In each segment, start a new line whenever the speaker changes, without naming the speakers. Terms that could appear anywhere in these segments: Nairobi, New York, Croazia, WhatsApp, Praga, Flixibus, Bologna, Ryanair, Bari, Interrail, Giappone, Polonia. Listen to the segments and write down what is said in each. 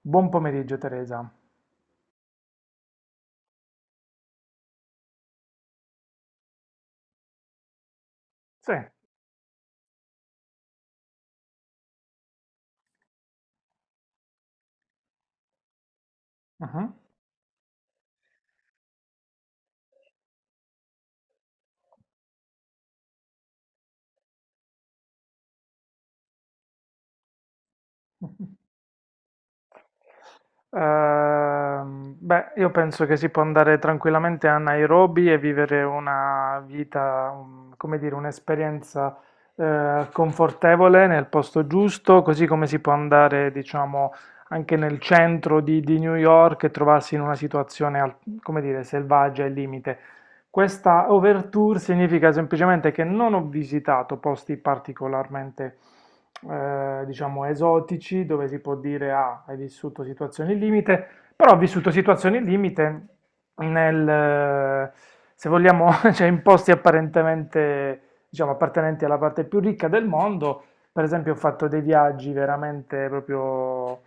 Buon pomeriggio, Teresa. Sì. Mhm. Beh, io penso che si può andare tranquillamente a Nairobi e vivere una vita, come dire, un'esperienza confortevole nel posto giusto, così come si può andare, diciamo, anche nel centro di New York e trovarsi in una situazione, come dire, selvaggia e limite. Questa overture significa semplicemente che non ho visitato posti particolarmente, diciamo, esotici, dove si può dire, ah, hai vissuto situazioni limite, però ho vissuto situazioni limite nel, se vogliamo, cioè in posti apparentemente, diciamo, appartenenti alla parte più ricca del mondo. Per esempio, ho fatto dei viaggi veramente proprio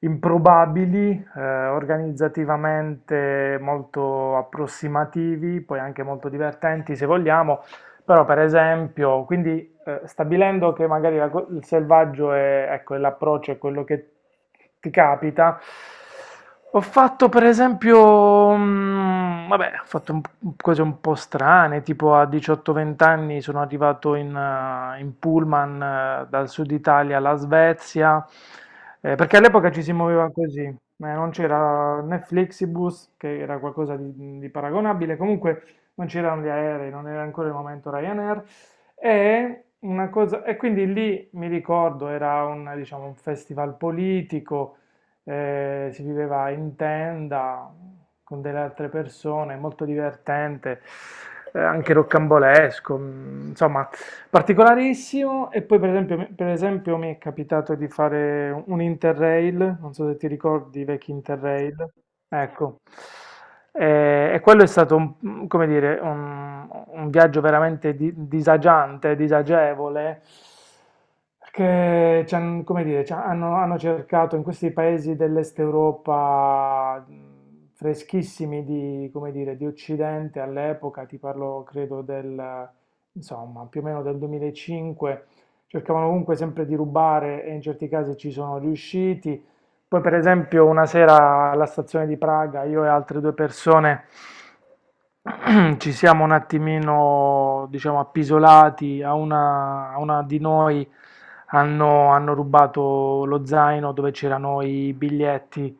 improbabili, organizzativamente molto approssimativi, poi anche molto divertenti se vogliamo, però per esempio, quindi stabilendo che magari il selvaggio è, ecco, è l'approccio, è quello che ti capita, ho fatto per esempio, vabbè, ho fatto cose un po' strane, tipo a 18-20 anni sono arrivato in, in pullman dal sud Italia alla Svezia, perché all'epoca ci si muoveva così, non c'era né Flixibus, che era qualcosa di paragonabile, comunque non c'erano gli aerei, non era ancora il momento Ryanair. E, una cosa, e quindi lì mi ricordo era un, diciamo, un festival politico, si viveva in tenda con delle altre persone, molto divertente, anche roccambolesco, insomma, particolarissimo. E poi per esempio, per esempio mi è capitato di fare un Interrail, non so se ti ricordi i vecchi Interrail. Ecco. E quello è stato un, come dire, un viaggio veramente disagiante, disagevole, che come dire, ci hanno cercato in questi paesi dell'Est Europa freschissimi di, come dire, di Occidente all'epoca, ti parlo credo del, insomma, più o meno del 2005, cercavano comunque sempre di rubare e in certi casi ci sono riusciti. Poi, per esempio, una sera alla stazione di Praga, io e altre due persone ci siamo un attimino, diciamo, appisolati. A una di noi hanno rubato lo zaino dove c'erano i biglietti,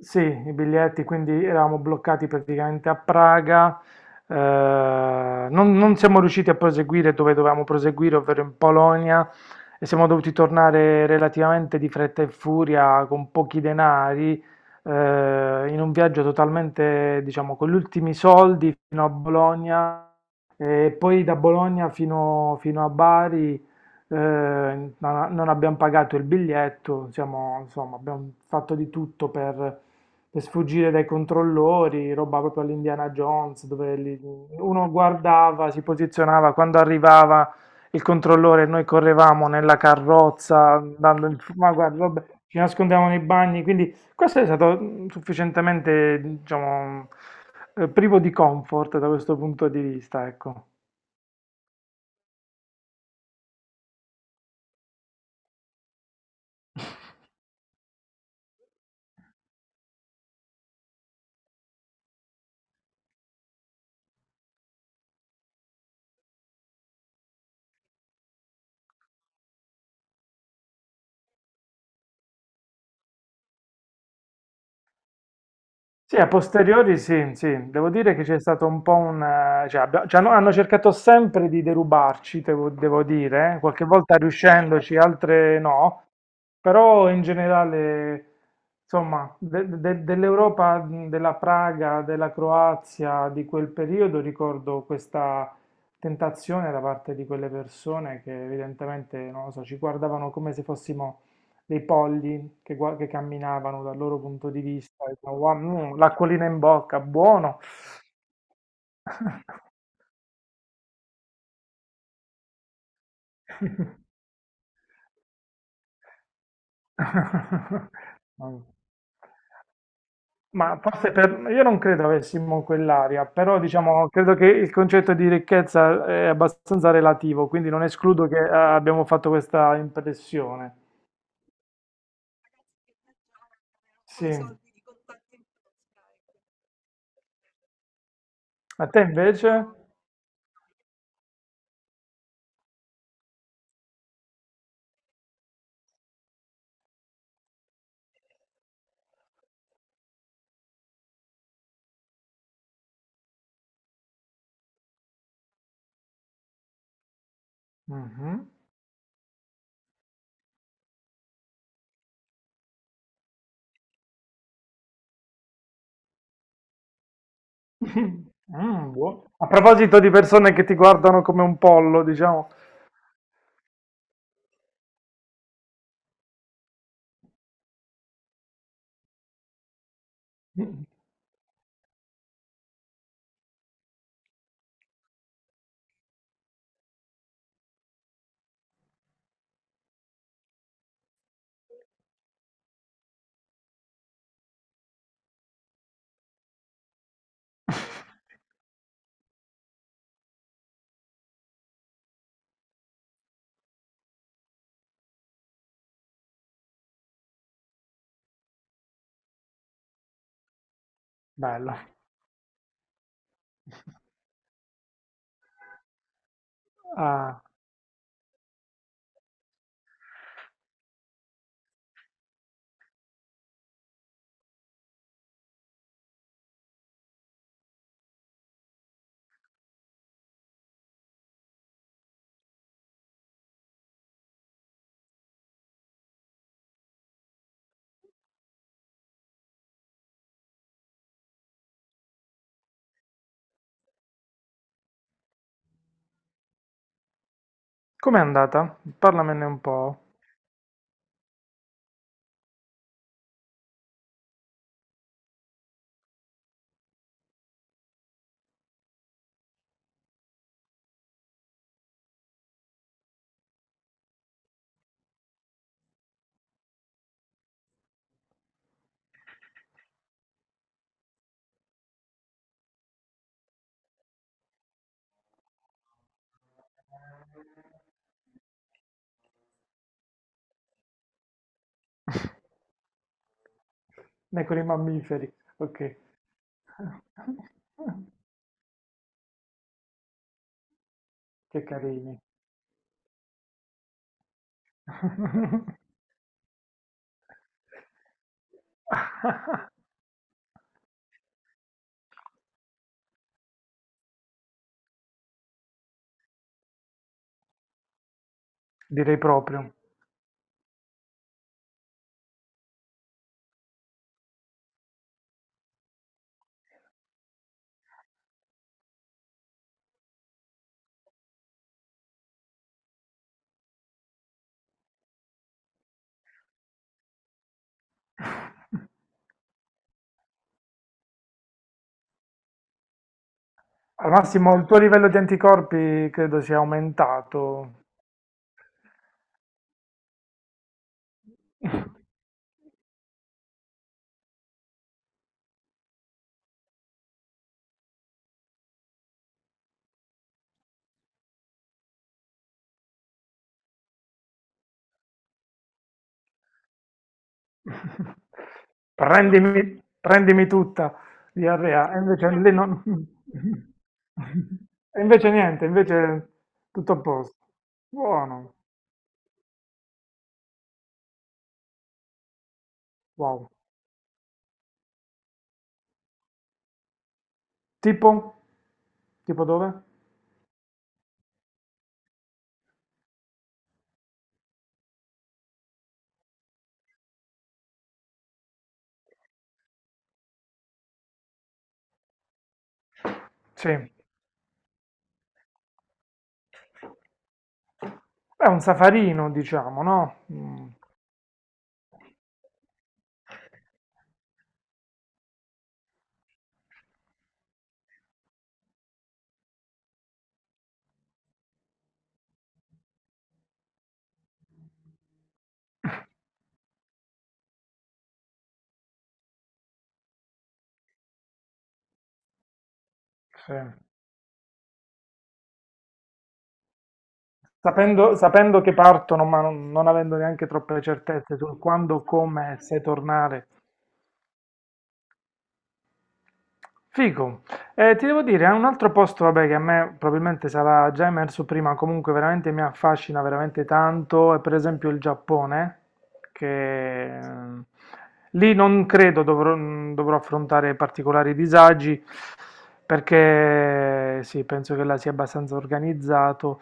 sì, i biglietti, quindi eravamo bloccati praticamente a Praga, non siamo riusciti a proseguire dove dovevamo proseguire, ovvero in Polonia, e siamo dovuti tornare relativamente di fretta e furia con pochi denari, in un viaggio totalmente, diciamo, con gli ultimi soldi fino a Bologna e poi da Bologna fino a Bari, non abbiamo pagato il biglietto, insomma, abbiamo fatto di tutto per sfuggire dai controllori, roba proprio all'Indiana Jones, dove lì uno guardava, si posizionava, quando arrivava il controllore, noi correvamo nella carrozza, ma guarda, vabbè, ci nascondiamo nei bagni, quindi questo è stato sufficientemente, diciamo, privo di comfort da questo punto di vista, ecco. Sì, a posteriori sì, sì, devo dire che c'è stato un po' cioè, no, hanno cercato sempre di derubarci, devo dire, qualche volta riuscendoci, altre no, però in generale, insomma, dell'Europa, della Praga, della Croazia di quel periodo ricordo questa tentazione da parte di quelle persone che evidentemente, non lo so, ci guardavano come se fossimo dei polli che camminavano dal loro punto di vista. E dicono, "Wow, l'acquolina in bocca, buono." Mm. Ma forse per, io non credo avessimo quell'aria, però diciamo, credo che il concetto di ricchezza è abbastanza relativo, quindi non escludo che abbiamo fatto questa impressione. Sì. A te invece? Mhm. A proposito di persone che ti guardano come un pollo, diciamo. Mm, bello. Ah, com'è andata? Parlamene un po'. Né con i mammiferi, ok. Che carini. Direi proprio. Al massimo il tuo livello di anticorpi credo sia aumentato. Prendimi, prendimi tutta, diarrea. E invece lì non. E invece niente, invece tutto a posto. Buono, wow. Tipo? Tipo dove? Sì, è un safarino, diciamo, no? Mm, sì. Sapendo, sapendo che partono, ma non avendo neanche troppe certezze sul quando, come e se tornare. Figo. Ti devo dire, è un altro posto, vabbè, che a me probabilmente sarà già emerso prima, comunque veramente mi affascina veramente tanto, è per esempio il Giappone, che lì non credo dovrò affrontare particolari disagi, perché sì, penso che là sia abbastanza organizzato,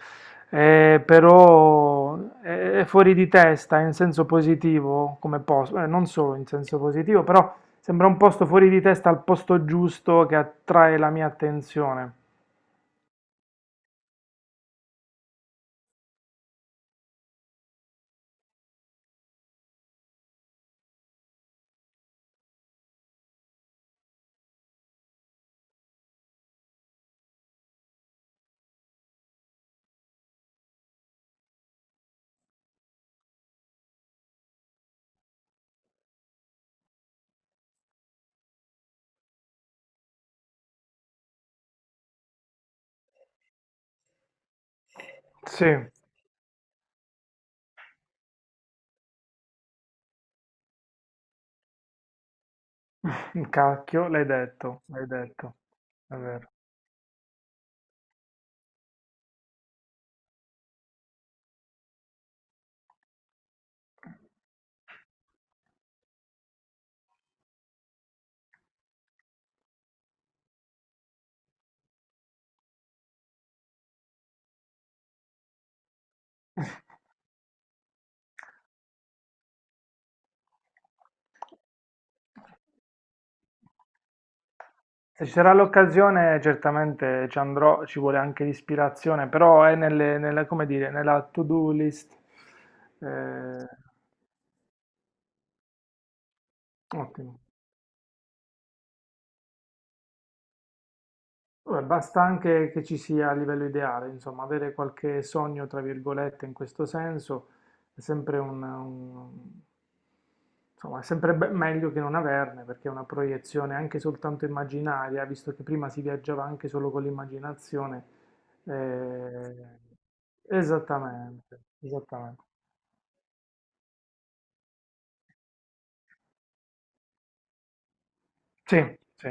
però è fuori di testa in senso positivo come posto, non solo in senso positivo, però. Sembra un posto fuori di testa al posto giusto che attrae la mia attenzione. Sì, cacchio, l'hai detto, è vero. Se ci sarà l'occasione, certamente ci andrò, ci vuole anche l'ispirazione, però è nelle, nella, come dire, nella to-do list. Eh, ottimo. Vabbè, basta anche che ci sia a livello ideale, insomma, avere qualche sogno, tra virgolette, in questo senso è sempre un, insomma, è sempre meglio che non averne, perché è una proiezione anche soltanto immaginaria, visto che prima si viaggiava anche solo con l'immaginazione. eh, esattamente, esattamente. Sì, sì.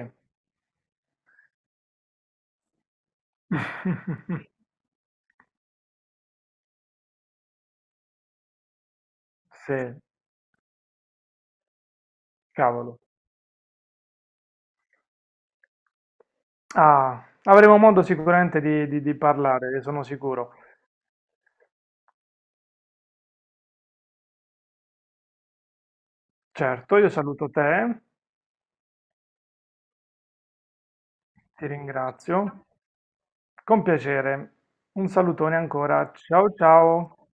Sì, cavolo. Ah, avremo modo sicuramente di parlare, ne sono sicuro. Certo, io saluto te, ti ringrazio. Con piacere. Un salutone ancora. Ciao ciao.